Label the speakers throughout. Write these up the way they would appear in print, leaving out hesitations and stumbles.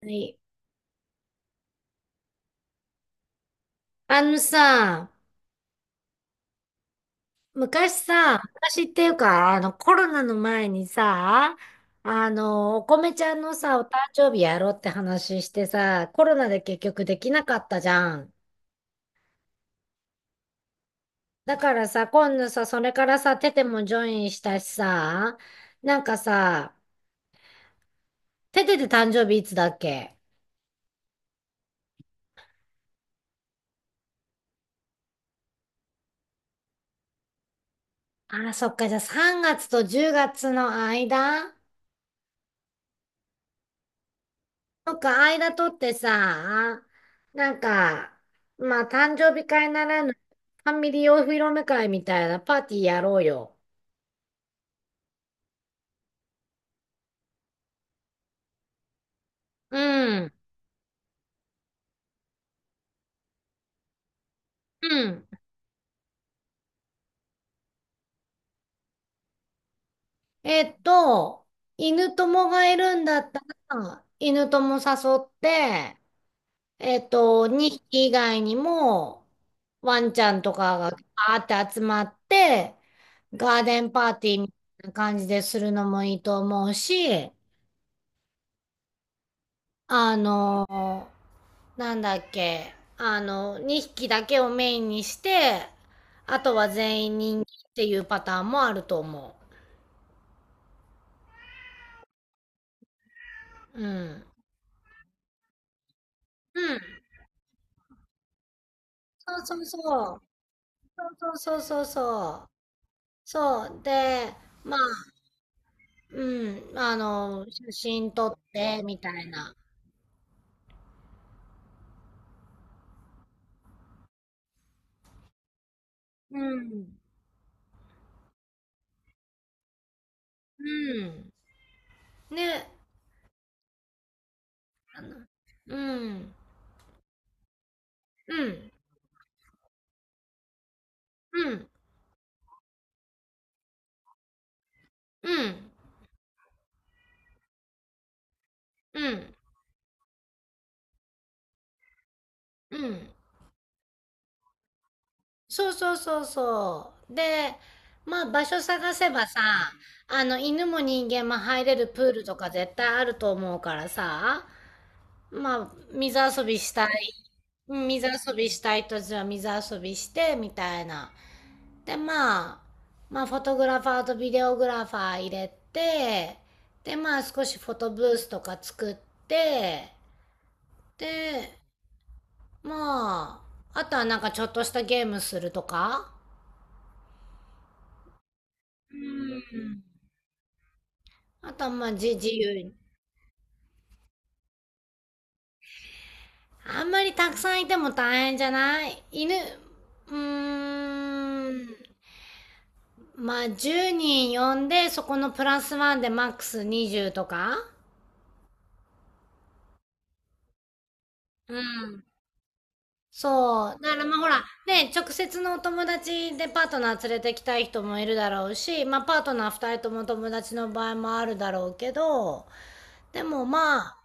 Speaker 1: はい。あのさ、昔さ、昔っていうか、コロナの前にさ、お米ちゃんのさ、お誕生日やろうって話してさ、コロナで結局できなかったじゃん。だからさ、今度さ、それからさ、テテもジョインしたしさ、なんかさ、テテで誕生日いつだっけ？あー、そっか、じゃあ3月と10月の間、なんか、間取ってさ、なんか、まあ、誕生日会ならぬ、ファミリーお披露目会みたいなパーティーやろうよ。うん。うん。えっと、犬友がいるんだったら、犬友誘って、2匹以外にも、ワンちゃんとかがバーって集まって、ガーデンパーティーみたいな感じでするのもいいと思うし、あのなんだっけ、2匹だけをメインにして、あとは全員人間っていうパターンもあると思う。うん。うん。そうそうそう。そうそうそうそうそう。そう。で、まあ、うん。あの、写真撮って、みたいな。うん。うん。ね。うん。うん。うん。うん。うん。うん。そうそうそうそう。で、まあ場所探せばさ、あの犬も人間も入れるプールとか絶対あると思うからさ、まあ水遊びしたい、うん、水遊びしたいとじゃあ水遊びしてみたいな。で、まあ、まあフォトグラファーとビデオグラファー入れて、で、まあ少しフォトブースとか作って、で、まあ、あとはなんかちょっとしたゲームするとか。うん、あとはまあ自由に。あんまりたくさんいても大変じゃない？犬、うーん、まあ10人呼んで、そこのプラスワンでマックス20とか。うん。そう。だからまあほら、ね、直接のお友達でパートナー連れてきたい人もいるだろうし、まあパートナー2人とも友達の場合もあるだろうけど、でもまあ、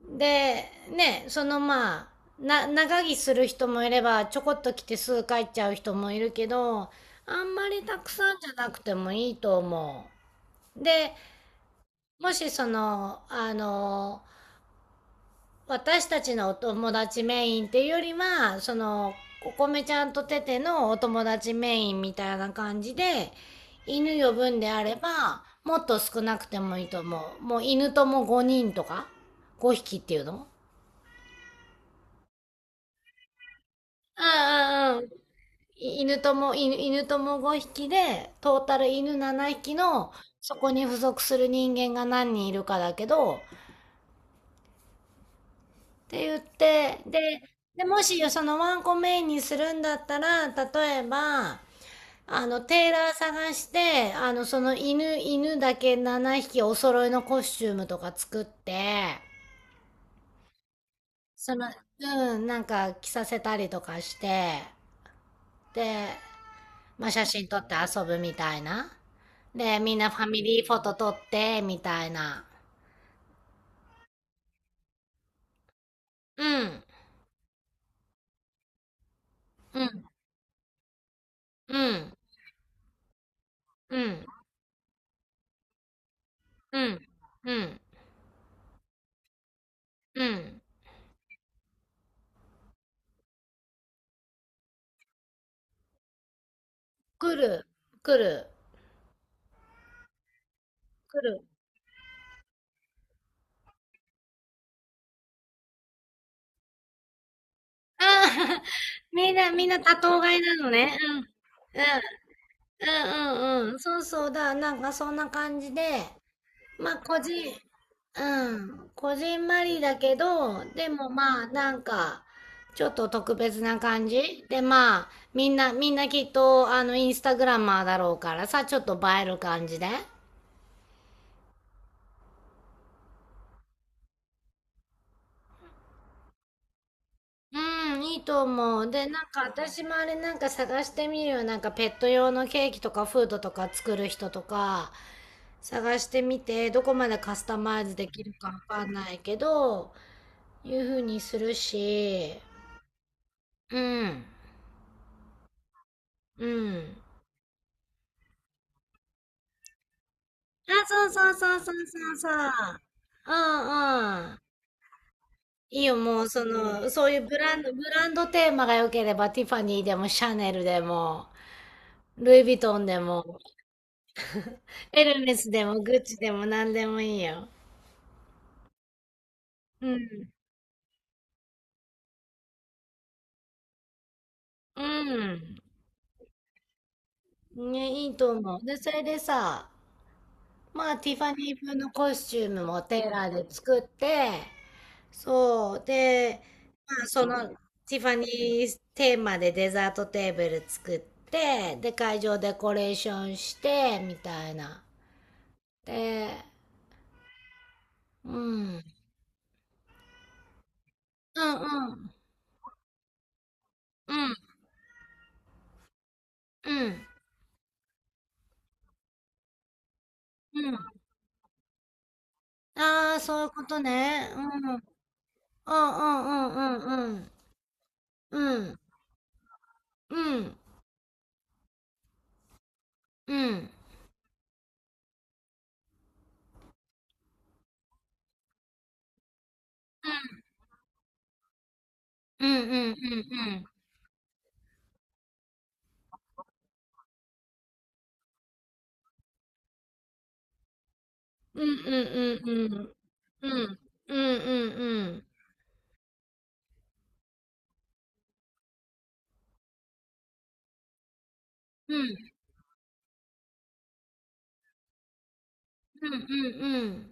Speaker 1: で、ね、そのまあ、長着する人もいれば、ちょこっと着てすぐ帰っちゃう人もいるけど、あんまりたくさんじゃなくてもいいと思う。で、もしその、あの、私たちのお友達メインっていうよりは、その、お米ちゃんとテテのお友達メインみたいな感じで、犬呼ぶんであれば、もっと少なくてもいいと思う。もう犬とも5人とか ?5 匹っていうの。うんうんうん。犬とも、犬とも5匹で、トータル犬7匹の、そこに付属する人間が何人いるかだけど、って言って、で、で、もしそのワンコメインにするんだったら、例えば、あの、テーラー探して、あの、その犬だけ7匹お揃いのコスチュームとか作って、その、うん、なんか着させたりとかして、で、まあ、写真撮って遊ぶみたいな。で、みんなファミリーフォト撮ってみたいな。うん、うん、うん、うん、うん、うん、うん。来る、来る、来る。あー みんな、みんな多頭飼いなのね。うん、うん、うん、うん、うん。そうそうだ。なんかそんな感じで、まあ、うん、こじんまりだけど、でもまあ、なんか、ちょっと特別な感じで、まあ、みんなきっと、あの、インスタグラマーだろうからさ、ちょっと映える感じで。うん、いいと思う。で、なんか私もあれなんか探してみるよ。なんかペット用のケーキとかフードとか作る人とか探してみて、どこまでカスタマイズできるかわかんないけど、いうふうにするし、うん、うん。あ、そうそうそうそうそうそう。うんうん。いいよ、もうその、そういうブランドテーマが良ければ、ティファニーでも、シャネルでも、ルイ・ヴィトンでも、エルメスでも、グッチでも、何でもいいよ。うん。うん。ね、いいと思う。で、それでさ、まあ、ティファニー風のコスチュームもテーラーで作って、そう。で、まあ、そのティファニーテーマでデザートテーブル作って、で、会場デコレーションして、みたいな。で、うん。うんうんうんうんうん。ああ、そういうことね。うん。ううんんううんうんうん。うんうんうんうん。うんうんうんうん。うんうんうんうん。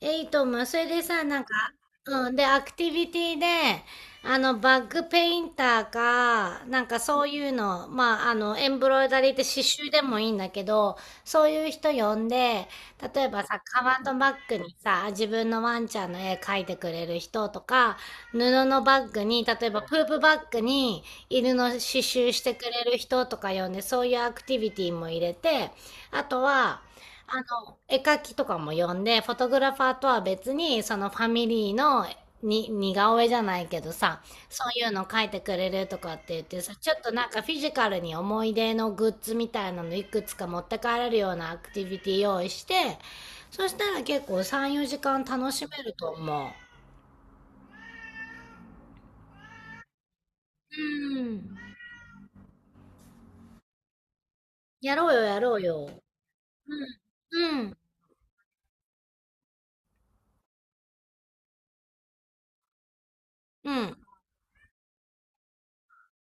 Speaker 1: え、いいと思う。それでさ、なんか、うん。で、アクティビティで、あの、バッグペインターか、なんかそういうの、まあ、あの、エンブロイダリーって刺繍でもいいんだけど、そういう人呼んで、例えばさ、カバンとバッグにさ、自分のワンちゃんの絵描いてくれる人とか、布のバッグに、例えばプープバッグに犬の刺繍してくれる人とか呼んで、そういうアクティビティも入れて、あとは、絵描きとかも呼んで、フォトグラファーとは別に、そのファミリーのに似顔絵じゃないけどさ、そういうの描いてくれるとかって言ってさ、ちょっとなんかフィジカルに思い出のグッズみたいなのいくつか持って帰れるようなアクティビティ用意して、そしたら結構3、4時間楽しめると思う。うん。やろうよ、やろうよ。うん。うん。うん。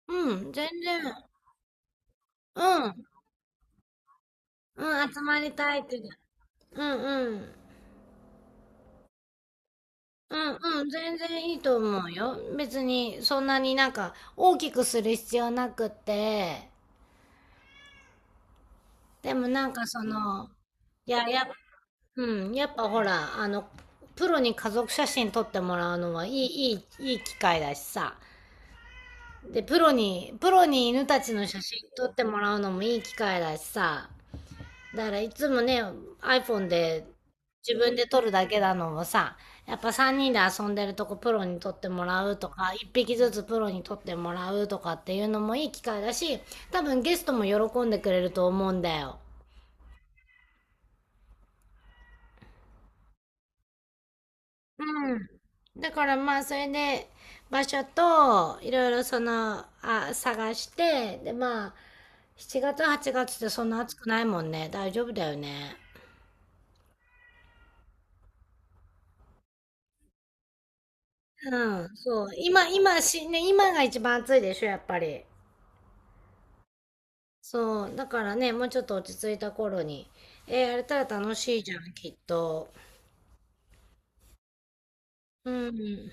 Speaker 1: うん。全然。うん。うん。集まりたいって。うんうん。うんうん、全然いいと思うよ。別にそんなになんか大きくする必要なくって、でもなんかその、いや、うん、やっぱほら、あの、プロに家族写真撮ってもらうのはいい、いい機会だしさ。で、プロに犬たちの写真撮ってもらうのもいい機会だしさ。だからいつもね、iPhone で自分で撮るだけなのをさ、やっぱ3人で遊んでるとこプロに撮ってもらうとか、1匹ずつプロに撮ってもらうとかっていうのもいい機会だし、多分ゲストも喜んでくれると思うんだよ。うん。だからまあそれで場所といろいろその、あ、探して、でまあ7月8月ってそんな暑くないもんね。大丈夫だよね。うん、そう。今、今し、ね、今が一番暑いでしょ、やっぱり。そう、だからね、もうちょっと落ち着いた頃に、やれたら楽しいじゃん、きっと。うん、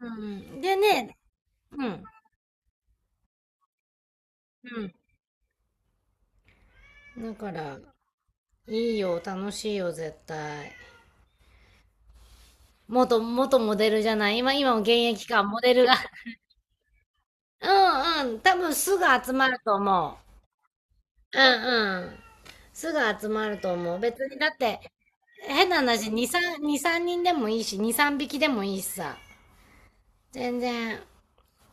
Speaker 1: うん。でね、うん、うん。だから、いいよ、楽しいよ、絶対。元モデルじゃない？今も現役か、モデルが。うん、うん。多分すぐ集まると思う。うんうん。すぐ集まると思う。別にだって、変な話、2、3、2、3人でもいいし、2、3匹でもいいしさ。全然、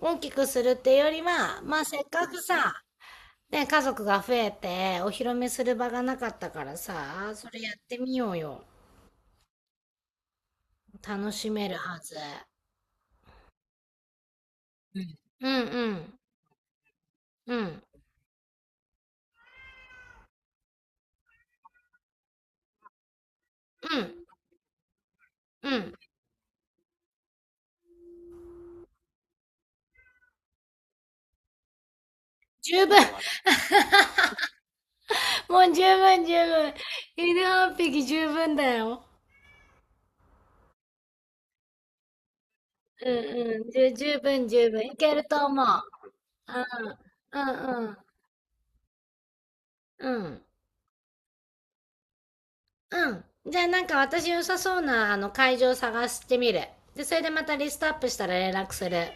Speaker 1: 大きくするっていうよりは、まあせっかくさ、ね、家族が増えて、お披露目する場がなかったからさ、それやってみようよ。楽しめるはず。うんうん、うん、うん、うん。十分、もう十分、十分。犬8匹十分だよ。うんうん、十分、十分。いけると思う。うん、うん、うん、うん、うん。じゃあなんか私良さそうなあの会場探してみる。で、それでまたリストアップしたら連絡する。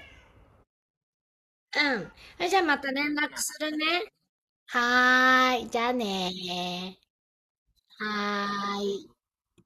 Speaker 1: うん。それじゃあまた連絡するね。はーい。じゃあねー。はーい。